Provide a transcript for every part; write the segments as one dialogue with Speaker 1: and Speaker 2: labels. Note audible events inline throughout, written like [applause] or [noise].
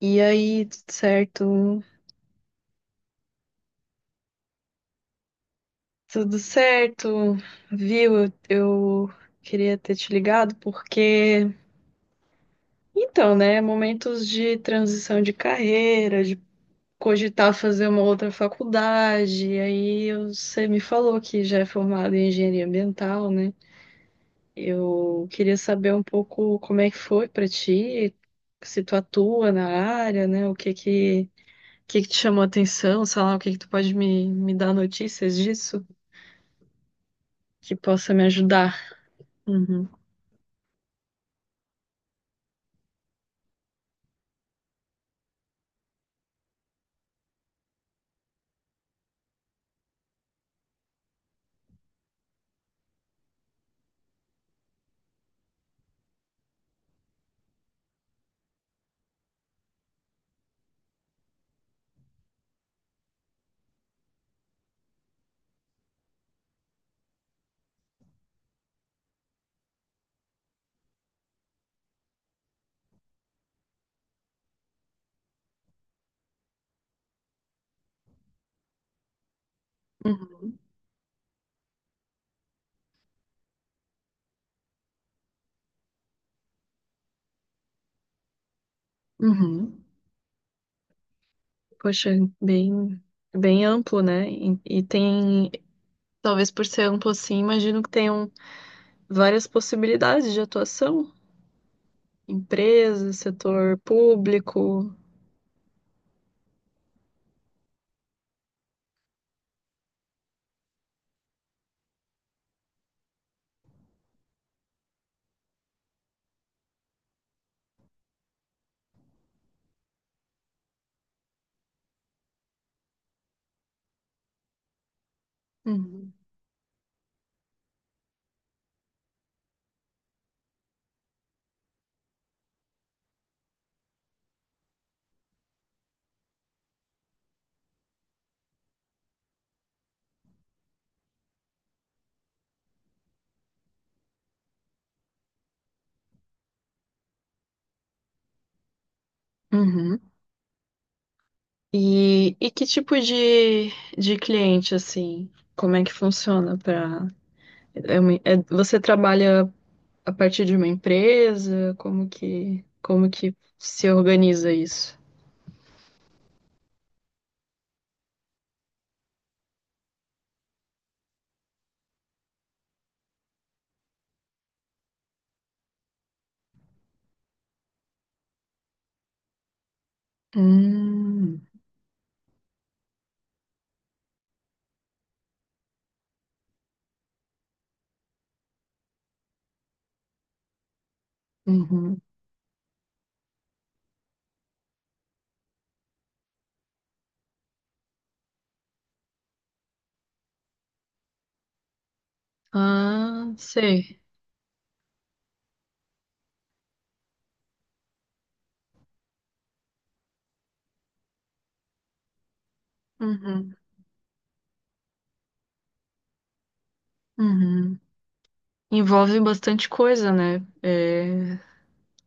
Speaker 1: E aí, tudo certo? Tudo certo, viu? Eu queria ter te ligado porque, então, né, momentos de transição de carreira, de cogitar fazer uma outra faculdade, e aí você me falou que já é formado em engenharia ambiental, né? Eu queria saber um pouco como é que foi pra ti, se tu atua na área, né? O que que te chamou a atenção, sei lá, o que que tu pode me dar notícias disso? Que possa me ajudar. Uhum, uhum, uhum. Poxa, bem, bem amplo, né? E tem, talvez por ser amplo assim, imagino que tenham várias possibilidades de atuação, empresa, setor público. Uhum, uhum. E que tipo de cliente, assim, como é que funciona para você trabalha a partir de uma empresa? Como que se organiza isso? Hum. Uhum. Ah, sei. Uhum. Uhum. Envolve bastante coisa, né? É,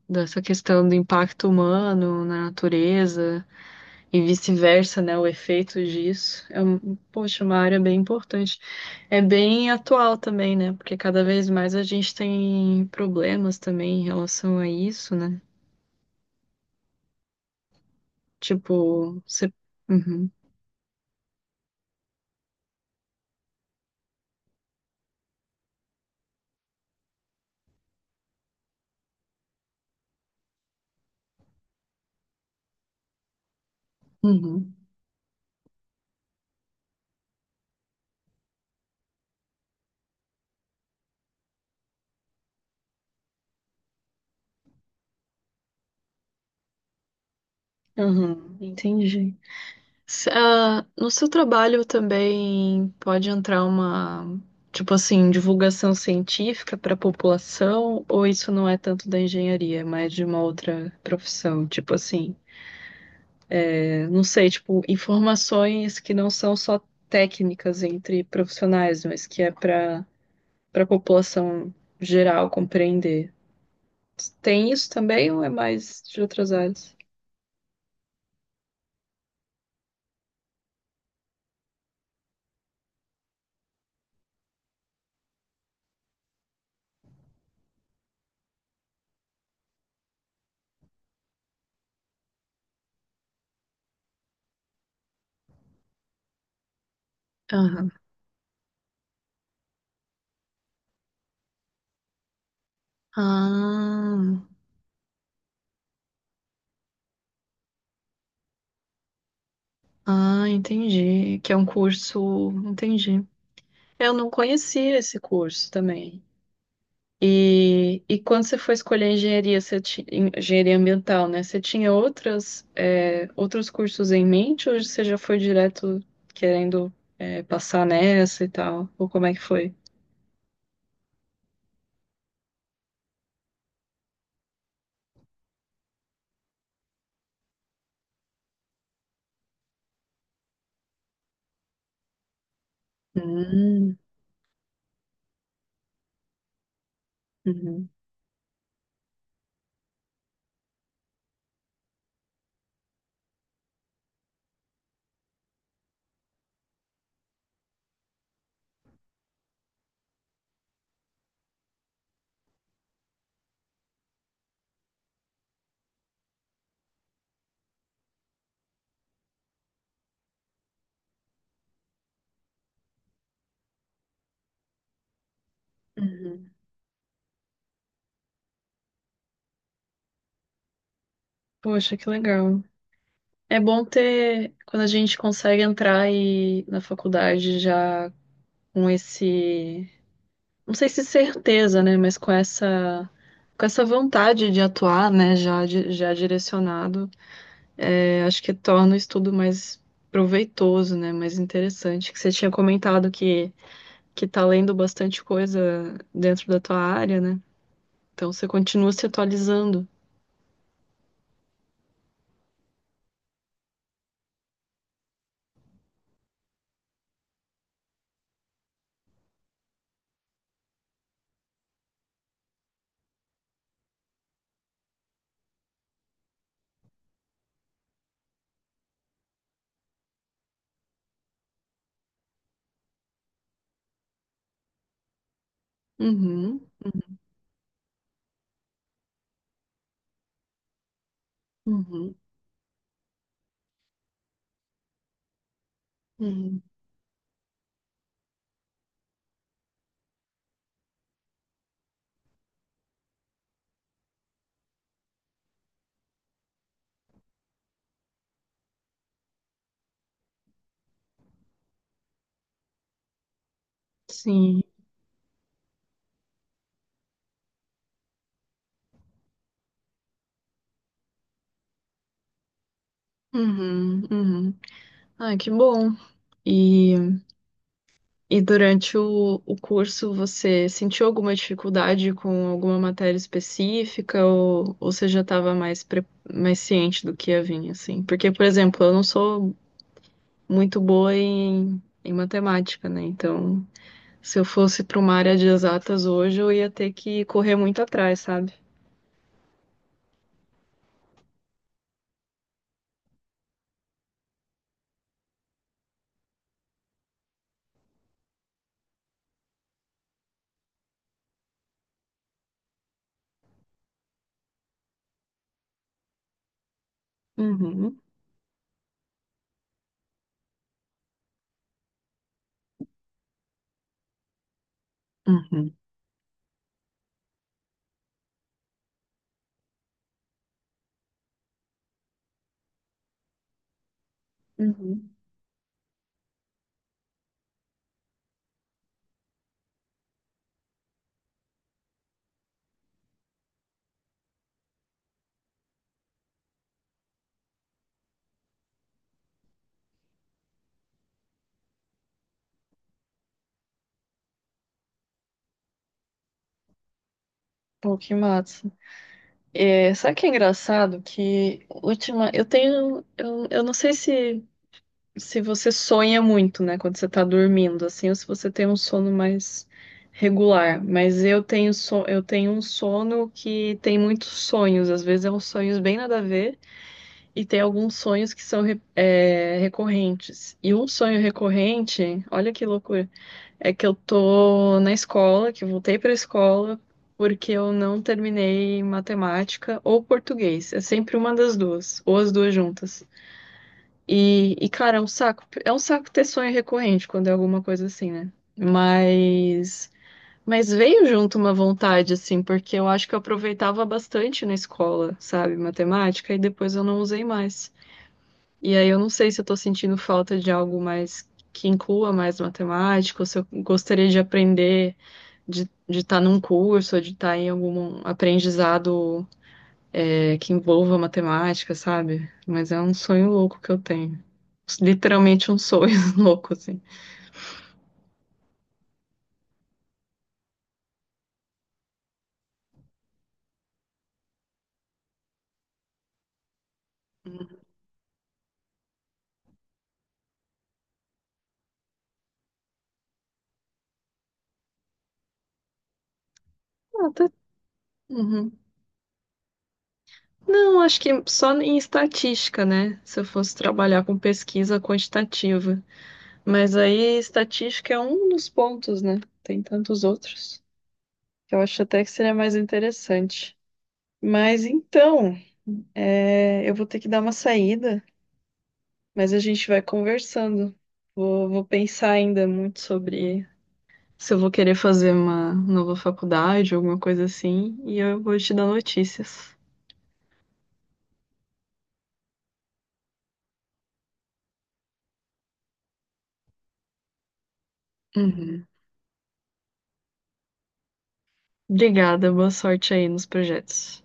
Speaker 1: dessa questão do impacto humano na natureza e vice-versa, né? O efeito disso. É, um- poxa, uma área bem importante. É bem atual também, né? Porque cada vez mais a gente tem problemas também em relação a isso, né? Tipo, você. Uhum. Uhum. Uhum. Entendi. Se- ah, no seu trabalho também pode entrar uma, tipo assim, divulgação científica para a população, ou isso não é tanto da engenharia, é mais de uma outra profissão, tipo assim, é, não sei, tipo, informações que não são só técnicas entre profissionais, mas que é para para a população geral compreender. Tem isso também ou é mais de outras áreas? Aham. Ah, ah, entendi. Que é um curso, entendi. Eu não conhecia esse curso também. E quando você foi escolher engenharia, você ti- engenharia ambiental, né? Você tinha outras, é, outros cursos em mente ou você já foi direto querendo, é, passar nessa e tal? Ou como é que foi? Hum, uhum, uhum. Poxa, que legal. É bom ter, quando a gente consegue entrar e, na faculdade já com esse. Não sei se certeza, né, mas com essa vontade de atuar, né, já di- já direcionado, é, acho que torna o estudo mais proveitoso, né, mais interessante. Que você tinha comentado que tá lendo bastante coisa dentro da tua área, né? Então você continua se atualizando. Uhum, uhum, uhum. Sim. Uhum, uhum. Ai, que bom. E E durante o curso, você sentiu alguma dificuldade com alguma matéria específica ou você já estava mais, pre- mais ciente do que ia vir, assim? Porque, por exemplo, eu não sou muito boa em matemática, né? Então, se eu fosse para uma área de exatas hoje, eu ia ter que correr muito atrás, sabe? Uhum, uhum, uhum. Pô, que massa. É, sabe o que é engraçado? Que última, eu tenho, eu não sei se se você sonha muito, né, quando você tá dormindo, assim, ou se você tem um sono mais regular. Mas eu tenho so eu tenho um sono que tem muitos sonhos, às vezes é uns sonhos bem nada a ver, e tem alguns sonhos que são re- é, recorrentes. E um sonho recorrente, olha que loucura, é que eu tô na escola, que eu voltei pra escola. Porque eu não terminei matemática ou português. É sempre uma das duas, ou as duas juntas. Cara, é um saco. É um saco ter sonho recorrente quando é alguma coisa assim, né? Mas, mas veio junto uma vontade, assim, porque eu acho que eu aproveitava bastante na escola, sabe, matemática, e depois eu não usei mais. E aí eu não sei se eu tô sentindo falta de algo mais que inclua mais matemática, ou se eu gostaria de aprender, de estar de tá num curso, ou de estar em algum aprendizado é, que envolva matemática, sabe? Mas é um sonho louco que eu tenho. Literalmente um sonho [laughs] louco, assim. Ah, tá- uhum. Não, acho que só em estatística, né? Se eu fosse trabalhar com pesquisa quantitativa. Mas aí estatística é um dos pontos, né? Tem tantos outros que eu acho até que seria mais interessante. Mas então, é, eu vou ter que dar uma saída, mas a gente vai conversando. Vou pensar ainda muito sobre se eu vou querer fazer uma nova faculdade, alguma coisa assim, e eu vou te dar notícias. Uhum. Obrigada, boa sorte aí nos projetos.